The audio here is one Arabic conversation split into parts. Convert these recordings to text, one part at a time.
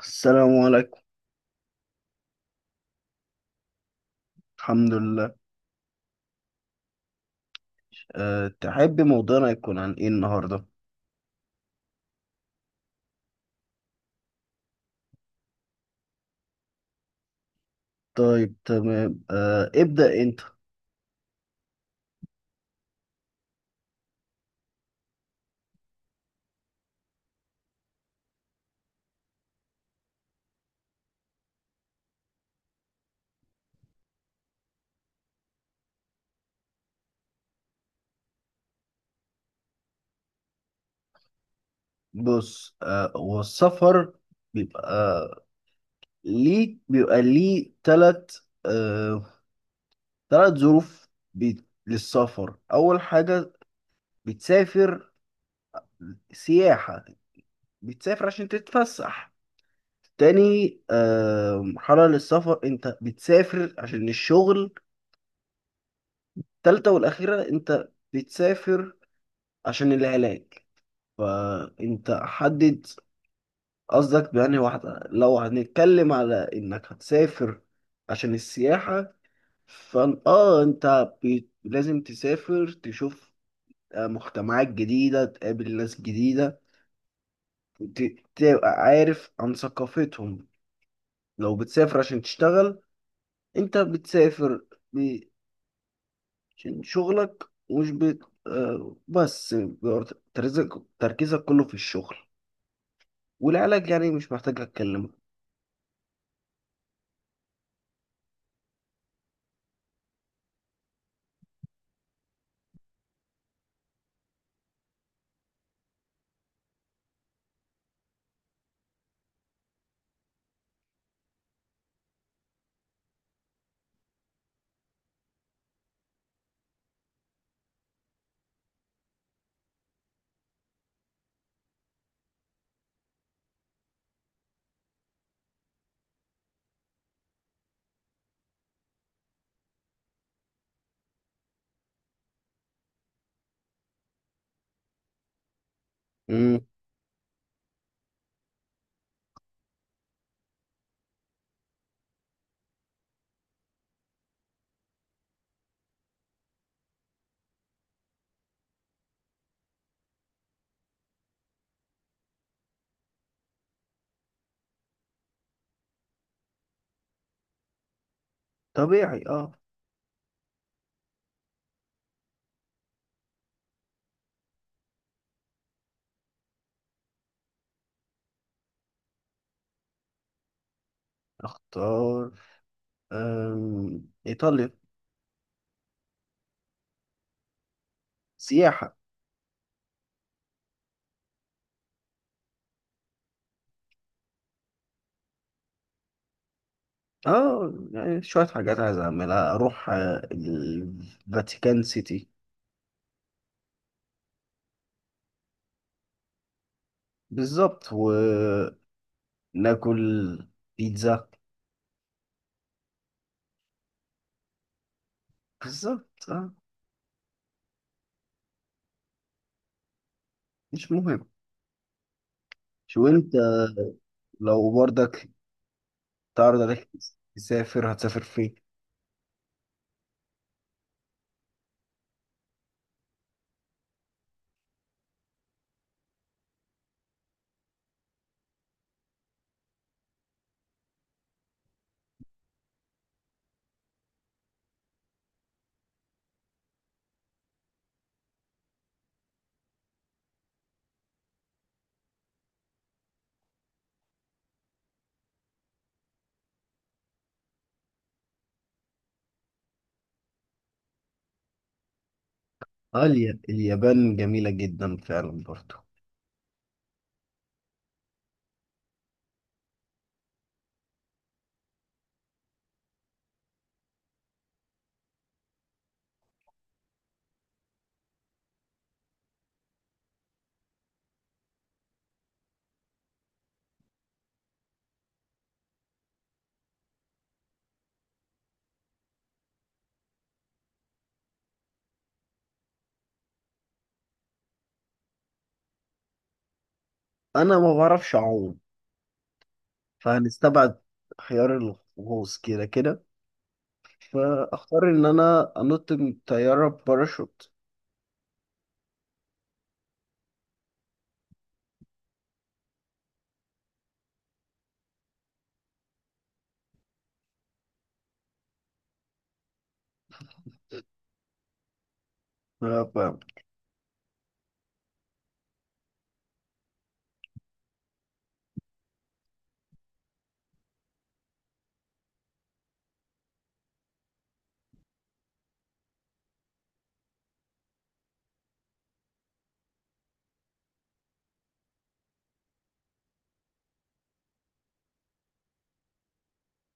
السلام عليكم. الحمد لله. تحب موضوعنا يكون عن ايه النهارده؟ طيب، تمام. ابدأ انت. بص، والسفر بيبقى ليه، بيبقى ليه تلت، تلت ظروف. للسفر اول حاجة بتسافر سياحة، بتسافر عشان تتفسح. تاني مرحلة للسفر انت بتسافر عشان الشغل. تالتة والاخيرة انت بتسافر عشان العلاج. فانت حدد قصدك بأنهي واحدة. لو هنتكلم على انك هتسافر عشان السياحة، فان انت لازم تسافر، تشوف مجتمعات جديدة، تقابل ناس جديدة، ت... تبقى عارف عن ثقافتهم. لو بتسافر عشان تشتغل، انت بتسافر ب- عشان شغلك، مش بت... بس بيبقى تركيزك تركيزك كله في الشغل. والعلاج يعني مش محتاج اتكلم. طبيعي، اه. اختار ايطاليا. سياحة. اه يعني شوية حاجات عايز اعملها، اروح الفاتيكان سيتي. بالظبط، وناكل بيتزا. بالظبط، اه. مش مهم. شو انت، لو برضك تعرض عليك تسافر، هتسافر فين؟ اه، اليابان جميلة جدا فعلا برضو. انا ما بعرفش اعوم، فهنستبعد خيار الغوص كده كده. فاختار ان انا انط من طياره باراشوت. ف-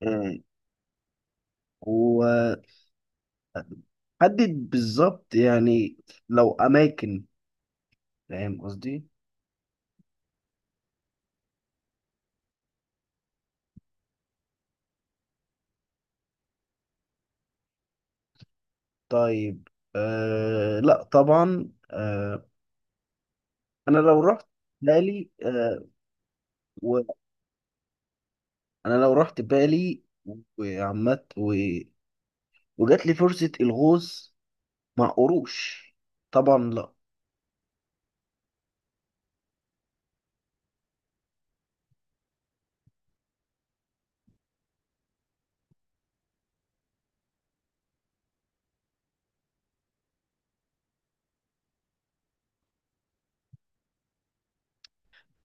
امم وحدد بالظبط يعني لو اماكن، فاهم قصدي؟ طيب، لا طبعا. انا لو رحت بالي، وانا لو رحت بالي وعمت وجات لي فرصة الغوص مع قروش، طبعا لا.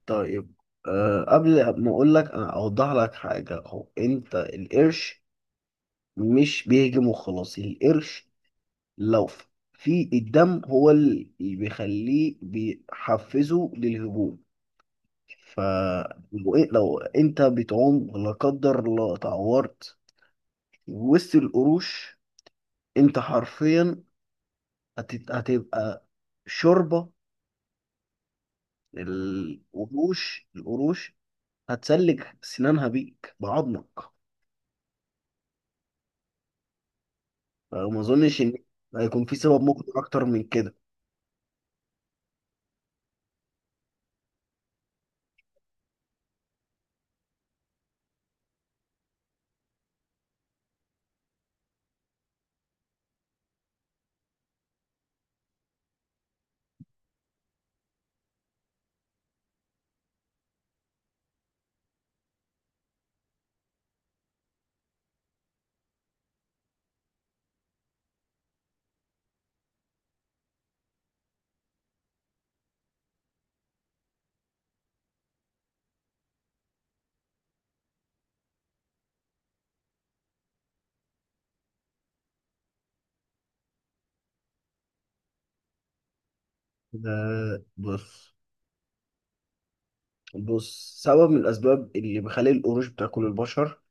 طيب، قبل ما اقول لك انا اوضح لك حاجة. هو انت القرش مش بيهجم وخلاص. القرش لو في الدم هو اللي بيخليه، بيحفزه للهجوم. فلو لو انت بتعوم لا قدر الله اتعورت وسط القروش، انت حرفيا هتبقى شوربة القروش. القروش هتسلك سنانها بيك بعضمك. فما اظنش ان هيكون في سبب مقنع اكتر من كده. بص، بص، سبب من الأسباب اللي بيخلي القروش بتاكل البشر،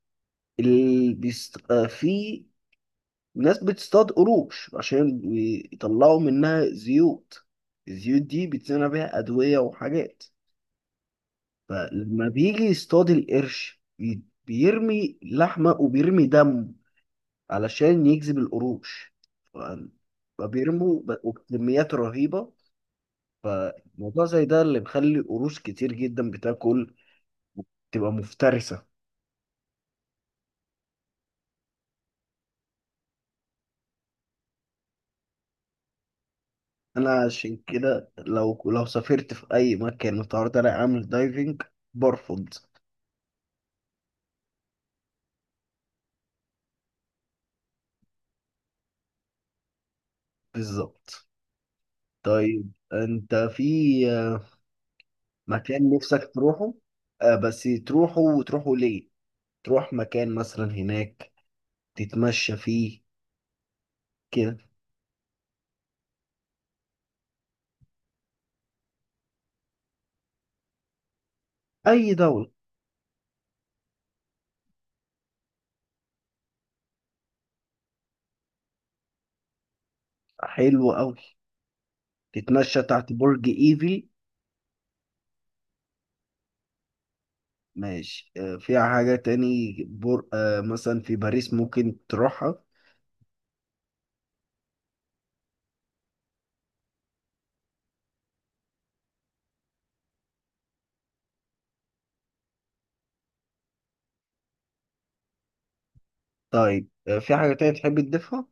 اللي بيست... آه، في ناس بتصطاد قروش عشان يطلعوا منها زيوت. الزيوت دي بيتصنع بيها أدوية وحاجات. فلما بيجي يصطاد القرش بيرمي لحمة وبيرمي دم علشان يجذب القروش. ف- فبيرموا وبكميات رهيبة. فالموضوع زي ده اللي بيخلي قروش كتير جدا بتاكل، تبقى مفترسة. انا عشان كده لو لو سافرت في اي مكان متعرض عليا اعمل دايفنج، برفض. بالظبط. طيب انت في مكان نفسك تروحه، بس تروحه وتروحه ليه؟ تروح مكان مثلا هناك تتمشى فيه كده. اي دولة. حلوة قوي، تتمشى تحت برج ايفل. ماشي، فيها حاجة تاني بر... آه، مثلا في باريس ممكن تروحها. طيب، في حاجة تانية تحب تضيفها؟